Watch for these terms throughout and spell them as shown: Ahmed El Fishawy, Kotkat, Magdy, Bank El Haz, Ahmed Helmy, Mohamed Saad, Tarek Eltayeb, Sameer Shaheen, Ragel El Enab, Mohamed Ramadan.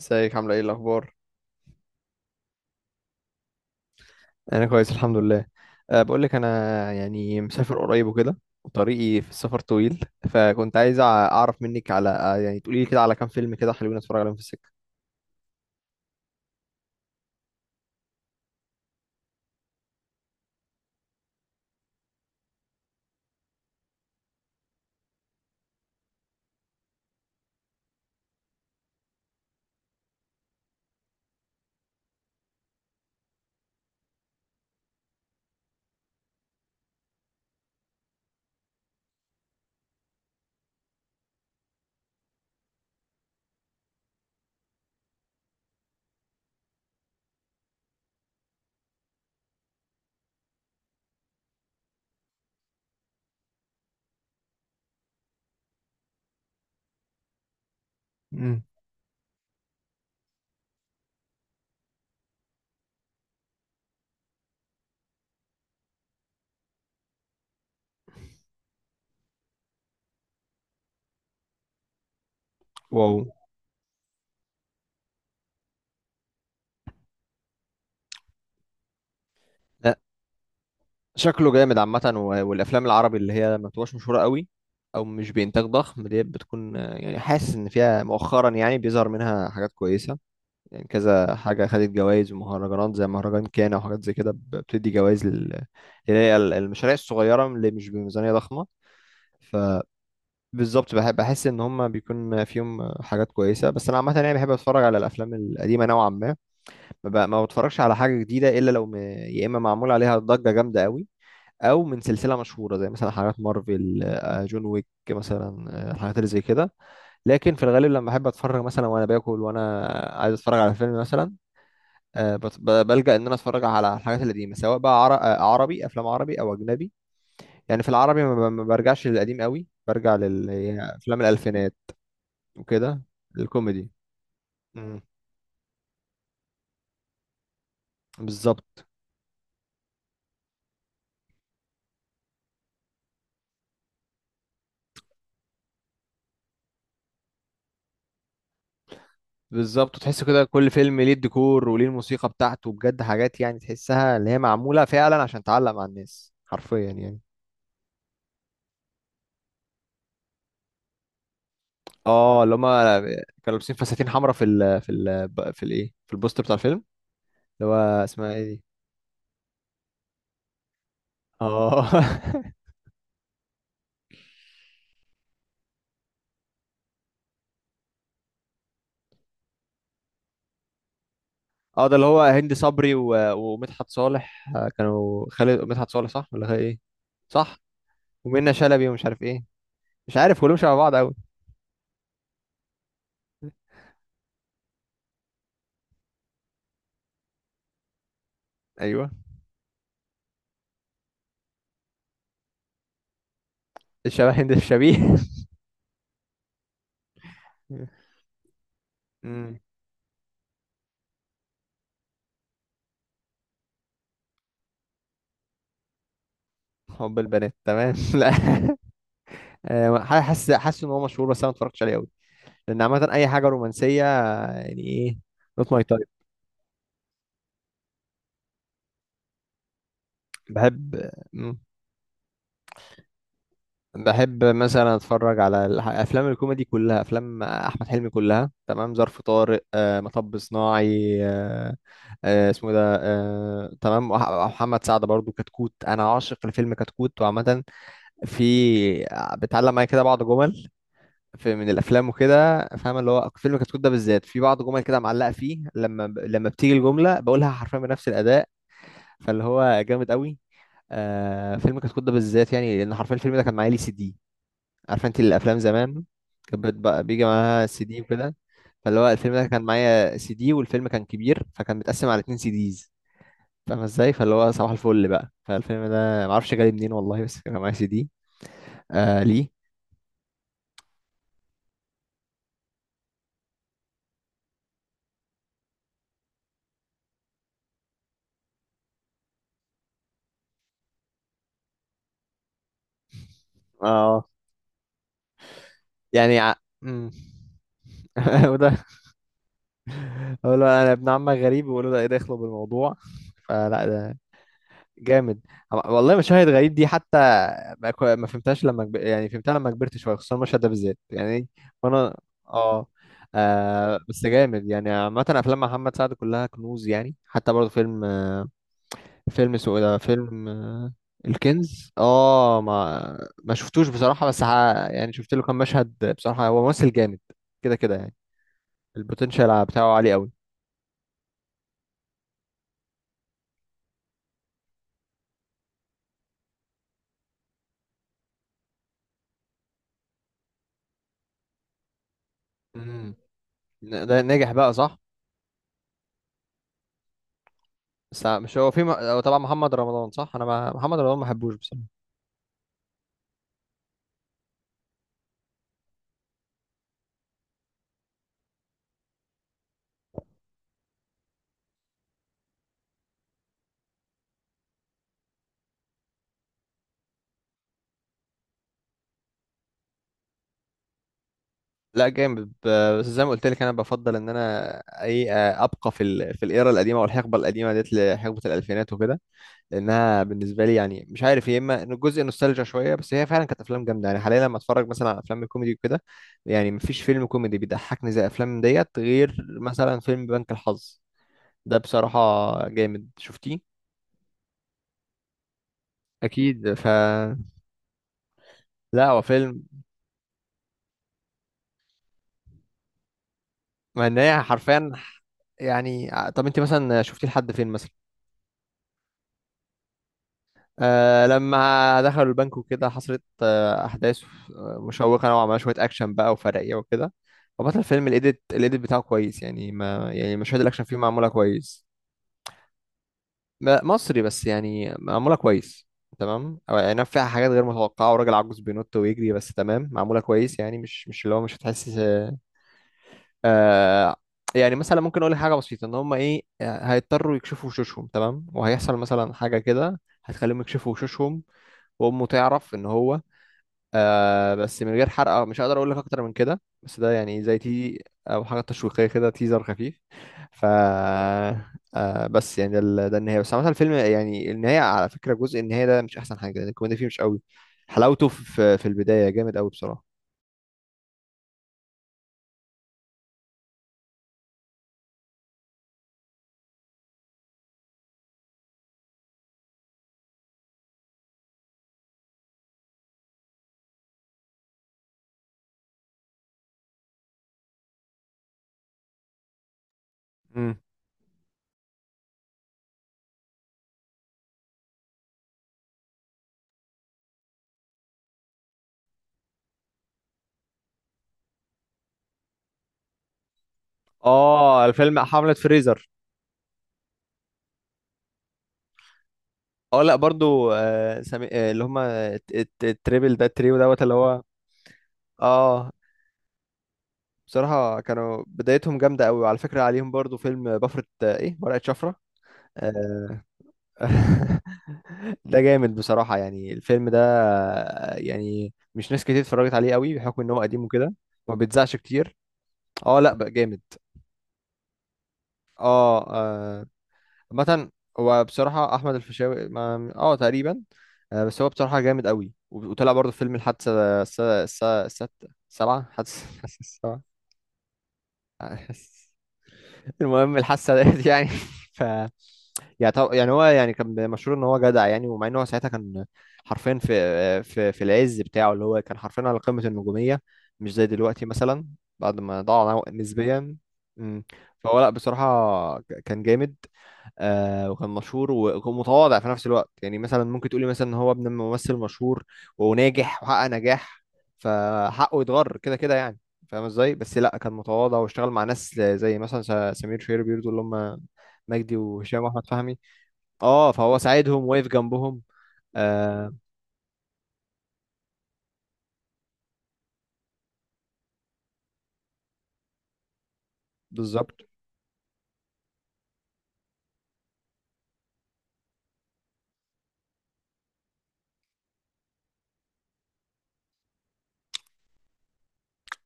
ازيك؟ عامله ايه؟ الاخبار؟ انا كويس، الحمد لله. أه، بقول لك انا يعني مسافر قريب وكده، وطريقي في السفر طويل، فكنت عايز اعرف منك على يعني تقولي لي كده على كام فيلم كده حلوين اتفرج عليهم في السكه. امم. واو. أه. شكله جامد عامه. والافلام العربي اللي هي ما بتبقاش مشهوره قوي او مش بانتاج ضخم ديت، بتكون يعني حاسس ان فيها مؤخرا يعني بيظهر منها حاجات كويسه، يعني كذا حاجة خدت جوائز ومهرجانات زي مهرجان كانا وحاجات زي كده بتدي جوائز اللي هي المشاريع الصغيرة اللي مش بميزانية ضخمة. فبالظبط، بحب، بحس إن هما بيكون فيهم حاجات كويسة، بس أنا عامة يعني بحب أتفرج على الأفلام القديمة نوعا ما، ما بتفرجش على حاجة جديدة إلا لو يا إما معمول عليها ضجة جامدة قوي، أو من سلسلة مشهورة زي مثلا حاجات مارفل، جون ويك مثلا. الحاجات اللي زي كده. لكن في الغالب لما أحب أتفرج مثلا وأنا باكل، وأنا عايز أتفرج على فيلم مثلا، بلجأ ان انا اتفرج على الحاجات القديمه، سواء بقى عربي، افلام عربي او اجنبي. يعني في العربي ما برجعش للقديم قوي، برجع للافلام الالفينات وكده. الكوميدي. مم. بالظبط. بالظبط، وتحس كده كل فيلم ليه الديكور وليه الموسيقى بتاعته، بجد حاجات يعني تحسها اللي هي معموله فعلا عشان تعلق مع الناس حرفيا يعني. اه، اللي هما كانوا لابسين فساتين حمراء في ال في ال في الايه في البوستر بتاع الفيلم، اللي هو اسمها ايه دي؟ اه. اه، ده اللي هو هند صبري ومدحت صالح، كانوا خالد مدحت صالح، صح ولا خالد ايه؟ صح. ومنى شلبي ومش عارف ايه، مش عارف كلهم شبه بعض قوي. ايوه. الشبه هند، الشبيه. امم. حب البنات، تمام. لا. حاسس ان هو مشهور، بس انا ما اتفرجتش عليه قوي لان عامه اي حاجه رومانسيه، يعني ايه، نوت ماي تايب. بحب مم. بحب مثلا اتفرج على افلام الكوميدي كلها، افلام احمد حلمي كلها تمام، ظرف طارق، مطب صناعي، اسمه إيه ده، آه تمام، محمد سعد برضو، كتكوت، انا عاشق لفيلم كتكوت، وعامه في، بتعلم معايا كده بعض جمل في من الافلام وكده، فاهم؟ اللي هو فيلم كتكوت ده بالذات في بعض جمل كده معلقه فيه، لما بتيجي الجمله بقولها حرفيا بنفس الاداء، فاللي هو جامد قوي. فيلم كتكوت ده بالذات يعني، لان حرفيا الفيلم ده كان معايا لي سي دي. عارفه انت الافلام زمان؟ كانت بتبقى بيجي معاها سي دي وكده، فاللي هو الفيلم ده كان معايا سي دي، والفيلم كان كبير فكان متقسم على اتنين سي ديز. فاهم ازاي؟ فاللي هو صباح الفل بقى، فالفيلم ده معرفش جالي منين والله، بس كان معايا سي دي. ليه. اه، يعني مم. وده، اقول له انا ابن عمك غريب، ويقول له ده ايه دخله بالموضوع. فلا ده جامد والله. مشاهد غريب دي حتى، ما فهمتهاش لما يعني فهمتها لما كبرت شويه، خصوصا المشهد ده بالذات يعني. وانا، اه. بس جامد يعني. عامة أفلام محمد سعد كلها كنوز يعني، حتى برضه فيلم فيلم اسمه ايه ده، فيلم الكنز. اه، ما شفتوش بصراحة، بس يعني شفت له كام مشهد بصراحة، هو ممثل جامد كده كده يعني، البوتنشال بتاعه عالي قوي. امم. ده ناجح بقى، صح؟ بس مش هو في هو طبعا محمد رمضان، صح؟ انا ما... محمد رمضان ما بحبوش بصراحة. لا جامد، بس زي ما قلت لك، انا بفضل ان انا اي ابقى في الايرا القديمة والحقبة القديمة ديت، لحقبة الالفينات وكده، لانها بالنسبه لي يعني مش عارف، يا اما إنه جزء نوستالجيا شويه، بس هي فعلا كانت افلام جامده. يعني حاليا لما اتفرج مثلا على افلام الكوميدي وكده، يعني مفيش فيلم كوميدي بيضحكني زي افلام ديت، غير مثلا فيلم بنك الحظ، ده بصراحه جامد. شفتيه؟ اكيد. لا هو فيلم، مع ان هي حرفيا، يعني طب انت مثلا شفتي لحد فين مثلا؟ لما دخلوا البنك وكده حصلت أحداث مشوقة نوعا ما، شوية أكشن بقى وفرقية وكده، فبطل الفيلم الإيديت بتاعه كويس، يعني ما يعني مشاهد الأكشن فيه معمولة كويس. مصري، بس يعني معمولة كويس تمام، أو يعني فيها حاجات غير متوقعة وراجل عجوز بينط ويجري، بس تمام معمولة كويس، يعني مش اللي هو مش هتحس. آه يعني مثلا ممكن أقول لك حاجة بسيطة، إن هما إيه، هيضطروا يكشفوا وشوشهم، تمام، وهيحصل مثلا حاجة كده هتخليهم يكشفوا وشوشهم، وأمه تعرف إن هو، بس من غير حرق، مش هقدر اقول لك اكتر من كده، بس ده يعني زي تي او حاجه تشويقيه كده، تيزر خفيف. ف بس يعني ده النهايه، بس عامه الفيلم يعني، النهايه على فكره جزء النهايه ده مش احسن حاجه لان الكوميديا فيه مش قوي، حلاوته في البدايه جامد قوي بصراحه. مم. اه، الفيلم حملة فريزر. اه لا برضو، سامي، اللي هما التريبل ده، التريو دوت، اللي هو، اه بصراحة كانوا بدايتهم جامدة قوي، وعلى فكرة عليهم برضو فيلم بفرة ايه، ورقة شفرة. آه، ده جامد بصراحة، يعني الفيلم ده يعني مش ناس كتير اتفرجت عليه قوي بحكم ان هو قديم وكده، ما بيتذاعش كتير. اه لا بقى جامد. اه، مثلا، هو بصراحة احمد الفيشاوي اه تقريبا، بس هو بصراحة جامد قوي، وطلع برضه في فيلم الحادثة الست، سبعة، حادثة السبعة، المهم الحادثة ديت يعني. ف يعني طب يعني، هو يعني كان مشهور ان هو جدع يعني، ومع ان هو ساعتها كان حرفيا في العز بتاعه، اللي هو كان حرفيا على قمة النجومية، مش زي دلوقتي مثلا، بعد ما ضاع نسبيا. مم. فهو لا بصراحة كان جامد، وكان مشهور وكان متواضع في نفس الوقت، يعني مثلا ممكن تقولي مثلا ان هو ابن ممثل مشهور وناجح وحقق نجاح، فحقه يتغر كده كده يعني، فاهم ازاي؟ بس لا كان متواضع واشتغل مع ناس زي مثلا سمير شهير بيرضو، اللي هم مجدي وهشام واحمد فهمي، اه فهو ساعدهم واقف جنبهم. آه. بالظبط.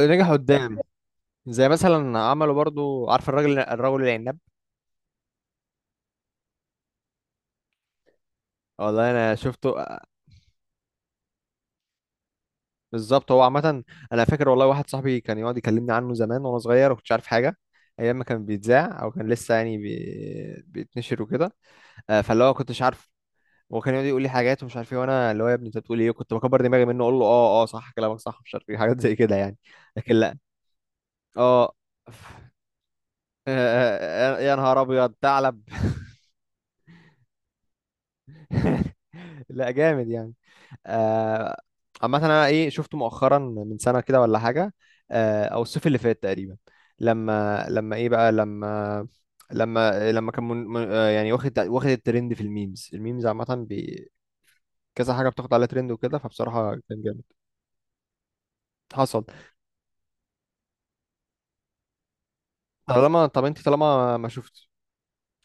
نجح قدام، زي مثلا عملوا برضو، عارف الرجل العناب؟ والله انا شفته بالظبط، هو عامه انا فاكر والله، واحد صاحبي كان يقعد يكلمني عنه زمان وانا صغير، وكنتش عارف حاجه، ايام ما كان بيتذاع او كان لسه يعني بيتنشر وكده. فاللي هو كنتش عارف، هو كان يقعد يقول لي حاجات ومش عارف ايه، وانا اللي هو يا ابني انت بتقول ايه؟ كنت بكبر دماغي منه، اقول له اه، اه، صح كلامك، صح، مش عارف ايه، حاجات زي كده يعني. لكن لا، اه. آه، آه، يا نهار ابيض ثعلب. لا جامد يعني. آه، عامة انا ايه، شفته مؤخرا من سنة كده ولا حاجة، او الصيف اللي فات تقريبا، لما لما ايه بقى، لما كان يعني واخد الترند في الميمز عامة كذا حاجة بتاخد عليها ترند وكده، فبصراحة كان جامد. حصل. طب انت طالما ما شفت،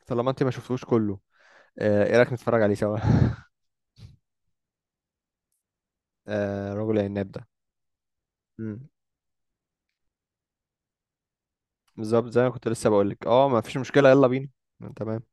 طالما انت ما شفتوش كله، ايه رأيك نتفرج عليه سوا؟ رجل العناب ده. مم. بالظبط، زي ما كنت لسه بقول لك، اه ما فيش مشكلة، يلا بينا. تمام.